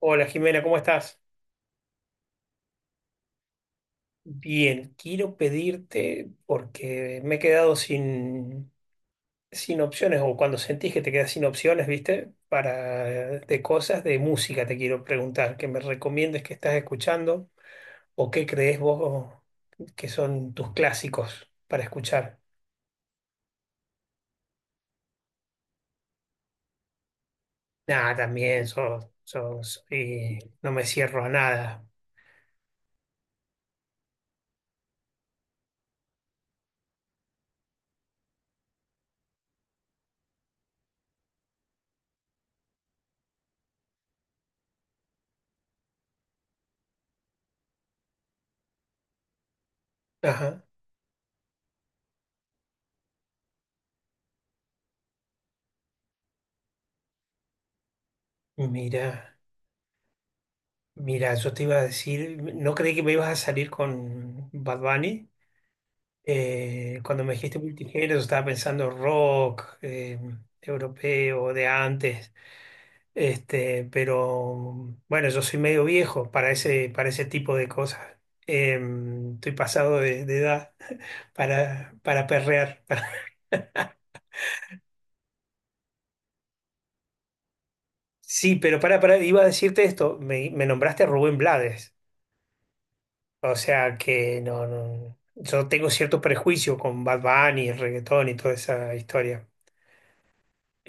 Hola Jimena, ¿cómo estás? Bien, quiero pedirte, porque me he quedado sin opciones, o cuando sentís que te quedas sin opciones, ¿viste? Para de cosas de música te quiero preguntar, que me recomiendes que estás escuchando o qué crees vos que son tus clásicos para escuchar. Nada, también sos y no me cierro a nada. Ajá. Mira, mira, yo te iba a decir, no creí que me ibas a salir con Bad Bunny. Cuando me dijiste multigénero, estaba pensando rock europeo de antes. Pero bueno, yo soy medio viejo para ese tipo de cosas. Eh, Estoy pasado de edad para perrear. Sí, pero para, iba a decirte esto, me nombraste a Rubén Blades, o sea que no, no, yo tengo cierto prejuicio con Bad Bunny, el reggaetón y toda esa historia.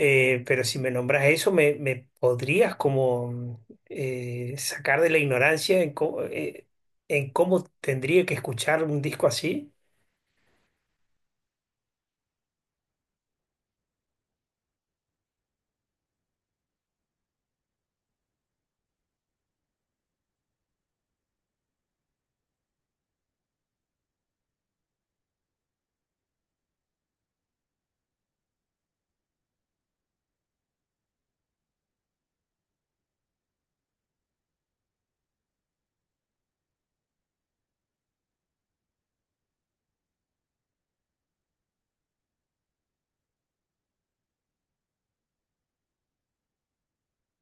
Pero si me nombras eso, me podrías como sacar de la ignorancia en en cómo tendría que escuchar un disco así.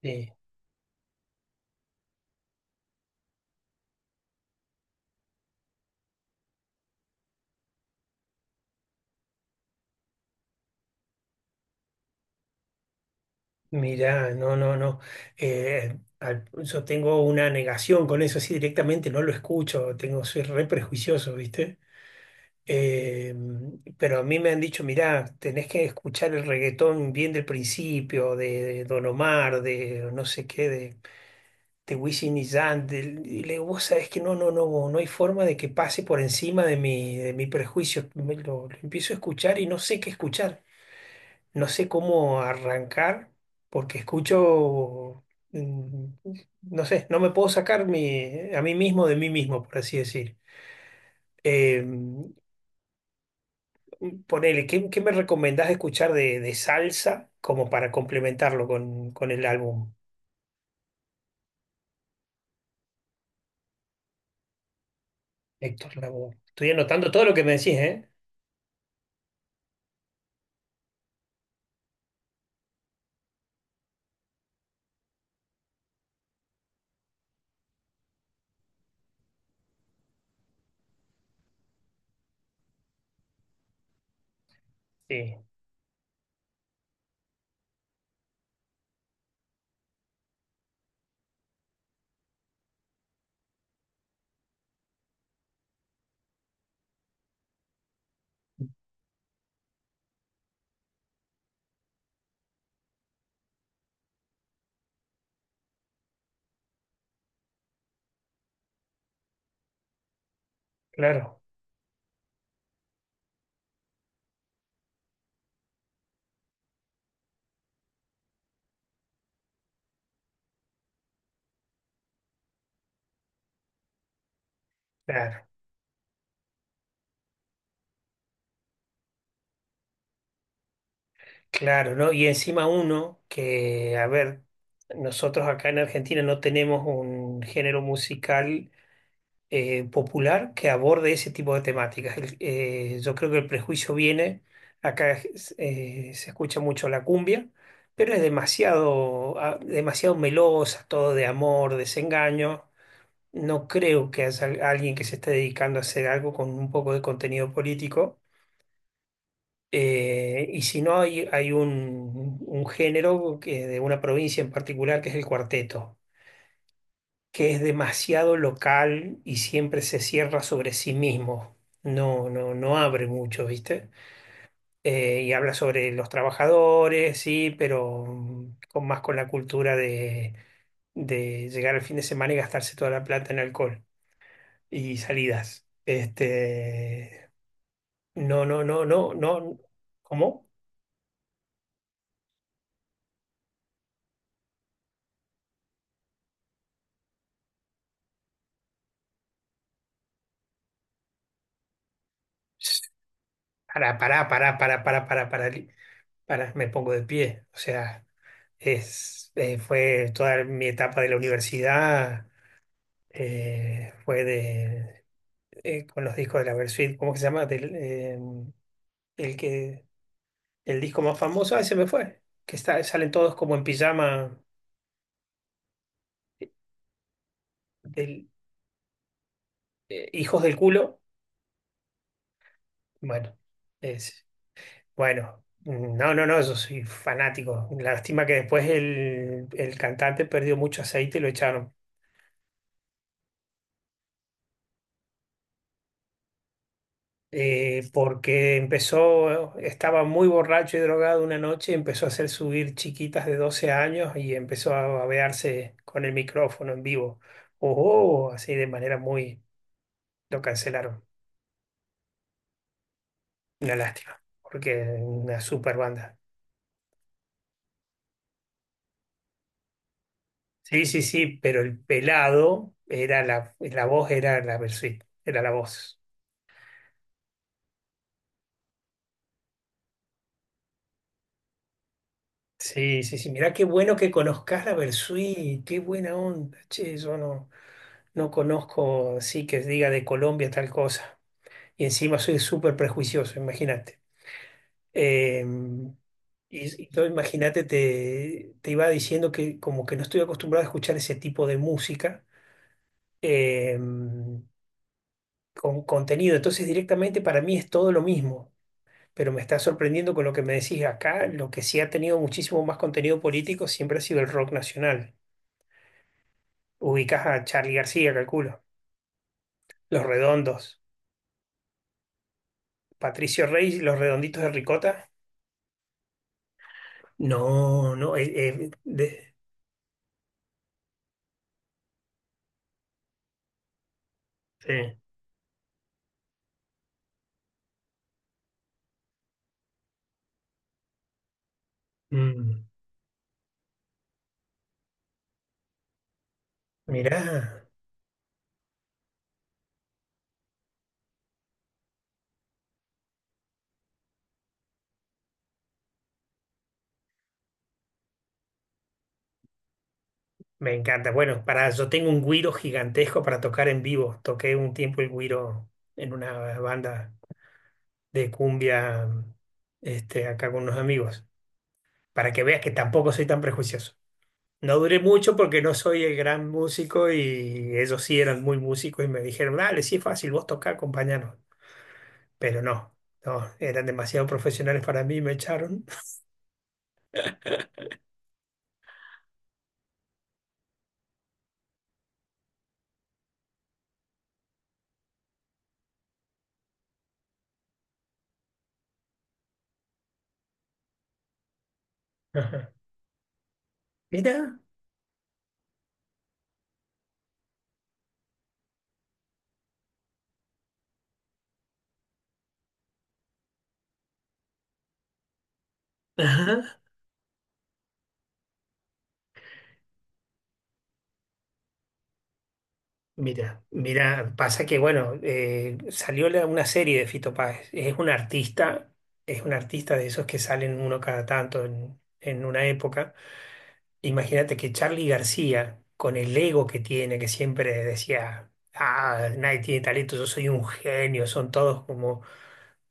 Sí. Mira, no, no, no. Yo tengo una negación con eso, así directamente no lo escucho, soy re prejuicioso, ¿viste? Eh, pero a mí me han dicho, mirá, tenés que escuchar el reggaetón bien del principio, de Don Omar, de no sé qué, de Wisin y Yandel, y le digo, vos sabés que no, no, no, no hay forma de que pase por encima de mi prejuicio. Me lo empiezo a escuchar y no sé qué escuchar, no sé cómo arrancar, porque escucho, mm, no sé, no me puedo sacar a mí mismo de mí mismo, por así decir. Eh, Ponele, ¿qué me recomendás escuchar de salsa como para complementarlo con el álbum, Héctor Lavoe? Estoy anotando todo lo que me decís, ¿eh? Sí, claro. Claro. Claro, ¿no? Y encima uno que, a ver, nosotros acá en Argentina no tenemos un género musical popular que aborde ese tipo de temáticas. Yo creo que el prejuicio viene, acá se escucha mucho la cumbia, pero es demasiado melosa, todo de amor, desengaño. No creo que haya alguien que se esté dedicando a hacer algo con un poco de contenido político, y si no, hay un género que, de una provincia en particular que es el cuarteto, que es demasiado local y siempre se cierra sobre sí mismo. No, no, no abre mucho, ¿viste? Y habla sobre los trabajadores, sí, pero más con la cultura de llegar al fin de semana y gastarse toda la plata en alcohol y salidas. No, no, no, no, no. ¿Cómo? Para, para, para, para, para, para, para, para, me pongo de pie. O sea, fue toda mi etapa de la universidad, fue con los discos de la Versuit, ¿cómo que se llama? El que, el disco más famoso, ese me fue, que está, salen todos como en pijama, eh, del, hijos del culo. Bueno, es, bueno. No, no, no, yo soy fanático. Lástima que después el cantante perdió mucho aceite y lo echaron, porque estaba muy borracho y drogado una noche, empezó a hacer subir chiquitas de 12 años y empezó a babearse con el micrófono en vivo. Oh, oh, así de manera muy. Lo cancelaron. Una lástima, porque es una super banda. Sí, sí, sí, pero el pelado era la voz, era la Bersuit, era la voz. Sí, sí, sí, mirá qué bueno que conozcas la Bersuit, qué buena onda. Che, yo no conozco, sí, que diga de Colombia tal cosa. Y encima soy súper prejuicioso, imagínate. Eh, y todo, imagínate, te iba diciendo que como que no estoy acostumbrado a escuchar ese tipo de música eh, con contenido. Entonces directamente para mí es todo lo mismo. Pero me está sorprendiendo con lo que me decís acá. Lo que sí ha tenido muchísimo más contenido político siempre ha sido el rock nacional. Ubicás a Charly García, calculo. Los Redondos. Patricio Rey, y Los Redonditos de Ricota. No, no. Sí. Mm, Mirá, me encanta. Bueno, para, yo tengo un güiro gigantesco para tocar en vivo. Toqué un tiempo el güiro en una banda de cumbia, acá con unos amigos, para que veas que tampoco soy tan prejuicioso. No duré mucho porque no soy el gran músico y ellos sí eran muy músicos y me dijeron, dale, sí es fácil, vos tocá, acompañanos. Pero no, eran demasiado profesionales para mí y me echaron. Ajá. Mira. Ajá. Mira, mira, pasa que bueno, salió una serie de Fito Páez. Es un artista de esos que salen uno cada tanto en una época. Imagínate que Charly García, con el ego que tiene, que siempre decía, ah, nadie tiene talento, yo soy un genio, son todos como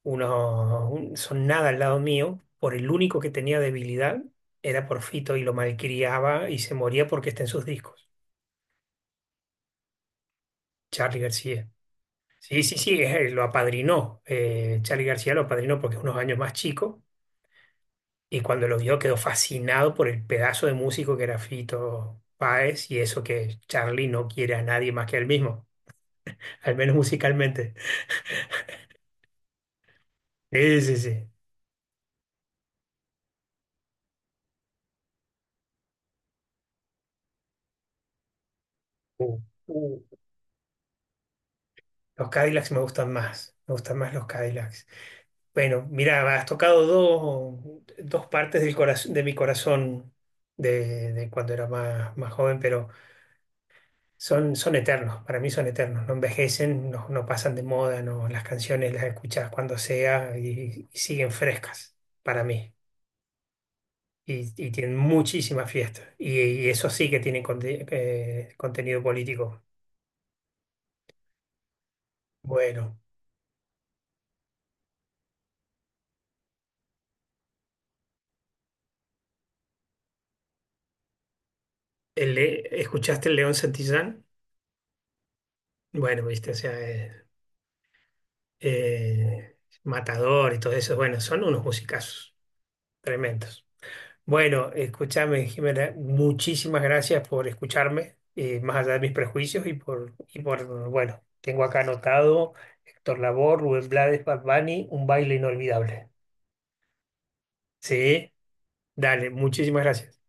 son nada al lado mío, por el único que tenía debilidad era por Fito y lo malcriaba y se moría porque está en sus discos. Charly García. Sí, sí, sí, lo apadrinó. Charly García lo apadrinó porque es unos años más chico y cuando lo vio quedó fascinado por el pedazo de músico que era Fito Páez y eso que Charly no quiere a nadie más que a él mismo, al menos musicalmente. Sí, sí, sí. Uh, uh, Los Cadillacs me gustan más los Cadillacs. Bueno, mira, has tocado dos partes del corazón, de mi corazón de cuando era más joven, pero. Son eternos, para mí son eternos, no envejecen, no pasan de moda, no, las canciones las escuchas cuando sea y siguen frescas para mí. Y tienen muchísimas fiestas. Y eso sí que tienen contenido político. Bueno, ¿Escuchaste el León Santillán? Bueno, viste, o sea, eh, Matador y todo eso, bueno, son unos musicazos tremendos. Bueno, escúchame, Jimena, muchísimas gracias por escucharme, más allá de mis prejuicios y por, bueno, tengo acá anotado Héctor Labor, Rubén Blades, Bad Bunny, un baile inolvidable. Sí, dale, muchísimas gracias.